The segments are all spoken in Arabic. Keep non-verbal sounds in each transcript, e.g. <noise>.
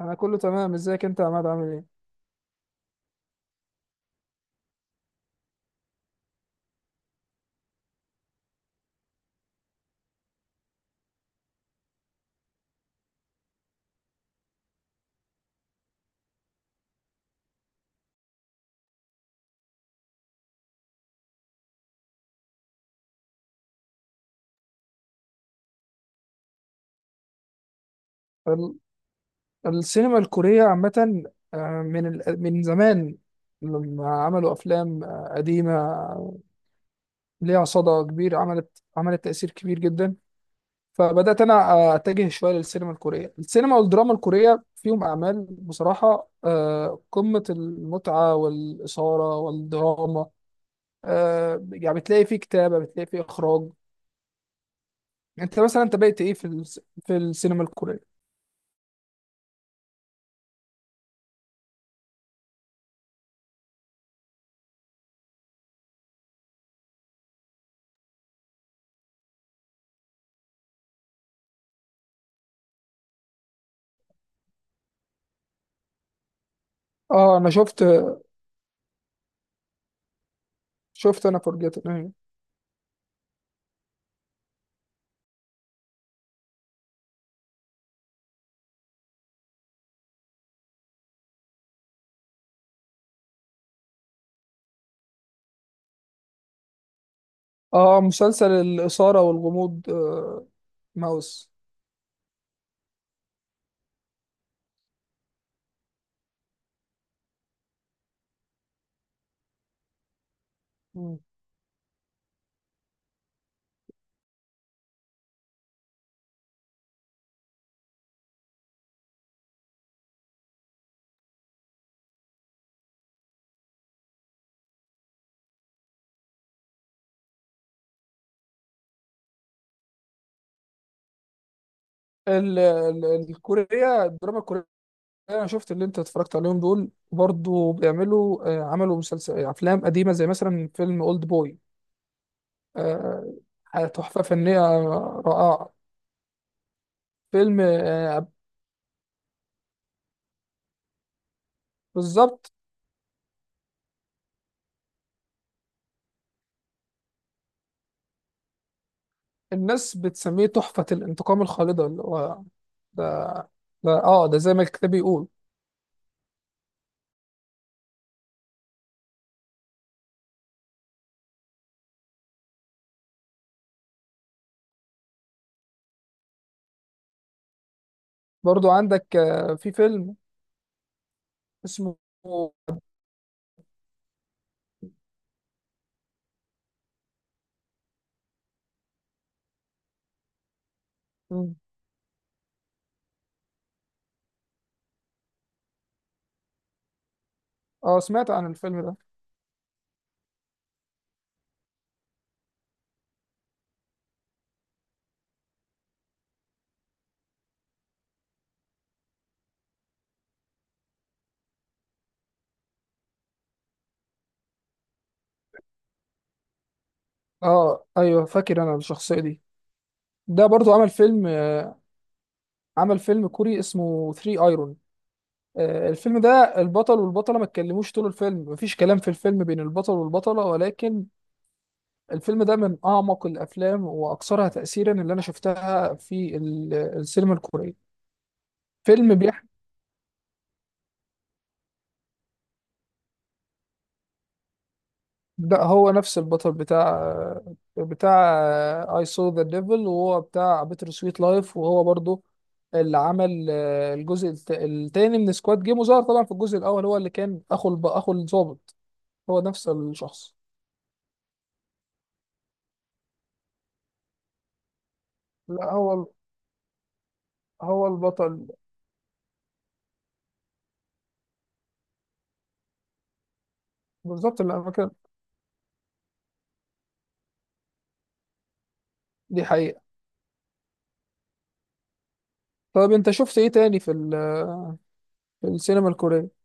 انا كله تمام. ازيك انت يا عماد، عامل ايه؟ ال- السينما الكورية عامة، من من زمان لما عملوا افلام قديمة، ليها صدى كبير، عملت تأثير كبير جدا. فبدأت انا اتجه شوية للسينما الكورية. السينما والدراما الكورية فيهم اعمال بصراحة قمة المتعة والإثارة والدراما. يعني بتلاقي فيه كتابة، بتلاقي فيه اخراج. انت مثلا بقيت ايه في في السينما الكورية؟ اه، انا شفت، شفت انا فورجيتن، ايوه. اه، مسلسل الاثاره والغموض، آه، ماوس. مم. ال- ال- الكورية، الدراما الكورية. أنا شفت اللي أنت اتفرجت عليهم دول، برضو بيعملوا، عملوا مسلسل أفلام قديمة، زي مثلا فيلم أولد بوي. آه، تحفة فنية رائعة. فيلم، آه، بالظبط. الناس بتسميه تحفة الانتقام الخالدة، اللي هو ده. ده اه، ده زي ما الكتاب بيقول. برضو عندك في فيلم اسمه، اه، سمعت عن الفيلم ده. اه ايوه، فاكر انا الشخصيه دي. ده برضو عمل فيلم، عمل فيلم كوري اسمه ثري ايرون. آه، الفيلم ده البطل والبطله ما اتكلموش طول الفيلم، مفيش كلام في الفيلم بين البطل والبطله، ولكن الفيلم ده من اعمق الافلام واكثرها تاثيرا اللي انا شفتها في السينما الكوريه. فيلم بيحكي. ده هو نفس البطل بتاع، بتاع آه، I saw the devil، وهو بتاع بيتر سويت لايف، وهو برضو اللي عمل، آه، الجزء التاني من سكواد جيم، وظهر طبعا في الجزء الاول هو اللي كان اخو الب... اخو الضابط. هو نفس الشخص. لا، هو هو البطل. بالظبط، اللي انا كان، دي حقيقة. طب انت شفت ايه تاني في ال... في السينما الكورية؟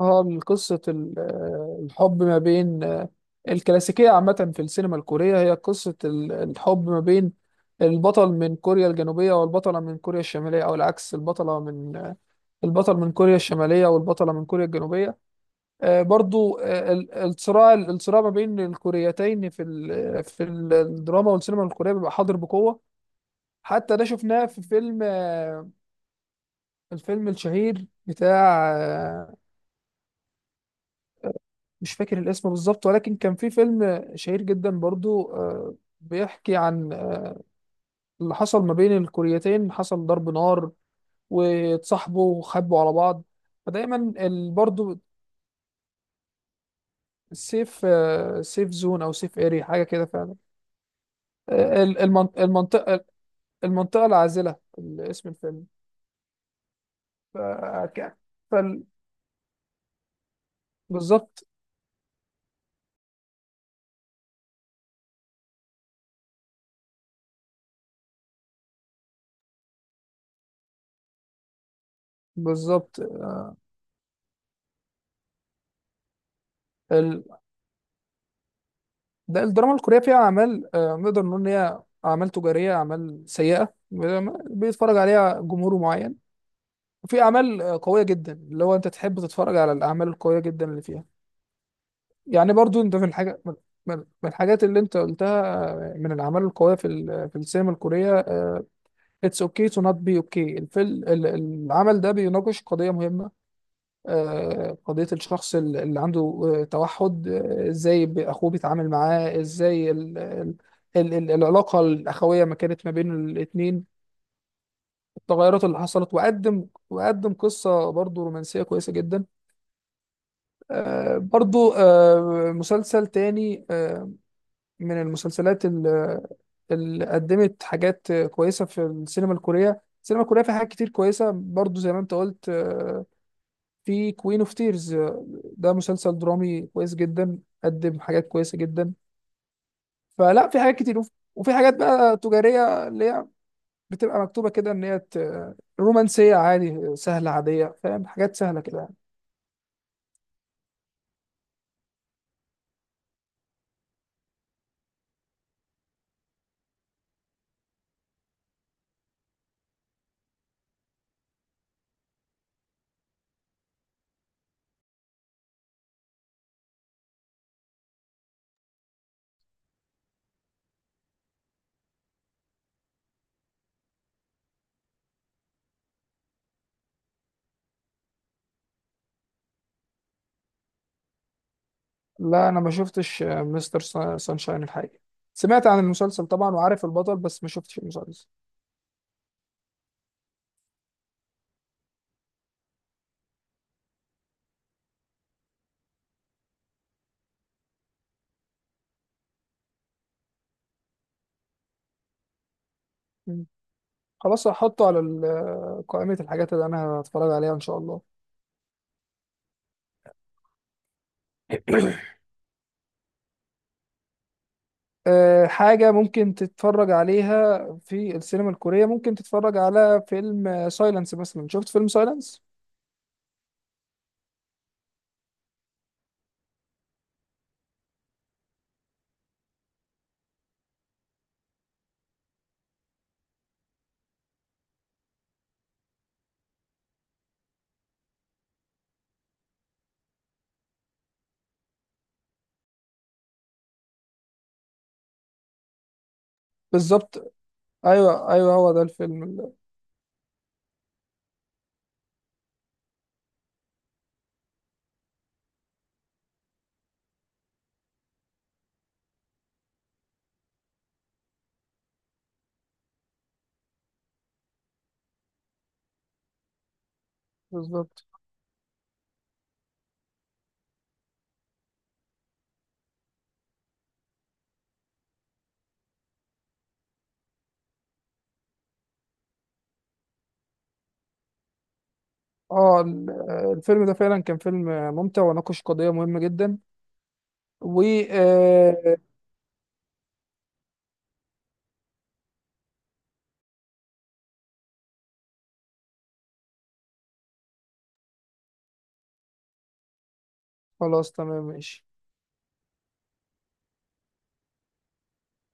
اه، قصة آه، الحب ما بين، آه، الكلاسيكية عامة في السينما الكورية هي قصة الحب ما بين البطل من كوريا الجنوبية والبطلة من كوريا الشمالية، أو العكس، البطلة من، آه، البطل من كوريا الشمالية والبطلة من كوريا الجنوبية. آه، برضو، آه، الصراع ما بين الكوريتين في الدراما والسينما الكورية بيبقى حاضر بقوة. حتى ده شفناه في فيلم، آه، الفيلم الشهير بتاع، آه، مش فاكر الاسم بالظبط، ولكن كان في فيلم شهير جدا برضو، آه، بيحكي عن، آه، اللي حصل ما بين الكوريتين، حصل ضرب نار واتصاحبوا وخبوا على بعض. فدايما برضو السيف، آه، سيف زون او سيف اري، حاجه كده فعلا. آه، المنطقه، المنطقه العازله، اسم الفيلم. ف- ك- فال- بالظبط. بالظبط، ده الدراما الكورية فيها أعمال، آه، نقدر نقول إن هي أعمال تجارية، أعمال سيئة بيتفرج عليها جمهور معين، وفي أعمال، آه، قوية جدا، اللي هو أنت تحب تتفرج على الأعمال القوية جدا اللي فيها، يعني، برضو أنت في الحاجة من من- من الحاجات اللي أنت قلتها. آه، من الأعمال القوية في في السينما الكورية، آه، It's okay to not be okay. الفيلم العمل ده بيناقش قضية مهمة. آه، قضية الشخص اللي عنده، آه، توحد، آه، ازاي اخوه بيتعامل معاه ازاي، العلاقة الأخوية ما كانت ما بين الاتنين، التغيرات اللي حصلت، وقدم قصة برضو رومانسية كويسة جدا. آه، برضو، آه، مسلسل تاني، آه، من المسلسلات اللي قدمت حاجات كويسة في السينما الكورية. السينما الكورية فيها حاجات كتير كويسة، برضو زي ما انت قلت، آه، في كوين اوف تيرز، ده مسلسل درامي كويس جدا، قدم حاجات كويسه جدا. فلا، في حاجات كتير، وفي حاجات بقى تجاريه اللي هي بتبقى مكتوبه كده ان هي رومانسيه عادي، سهله، عاديه، فاهم، حاجات سهله كده يعني. لا، انا ما شفتش مستر سانشاين الحقيقه. سمعت عن المسلسل طبعا، وعارف البطل، بس ما شفتش المسلسل. مم. خلاص، هحطه على قائمه الحاجات اللي انا هتفرج عليها ان شاء الله. <coughs> آه، حاجة ممكن تتفرج عليها في السينما الكورية، ممكن تتفرج على فيلم سايلنس مثلا. شفت فيلم سايلنس؟ بالظبط. ايوه ايوه، هو ده الفيلم بالظبط. اه، آه، الفيلم ده فعلا كان فيلم ممتع وناقش قضية مهمة جدا. و، آه، خلاص تمام، ماشي.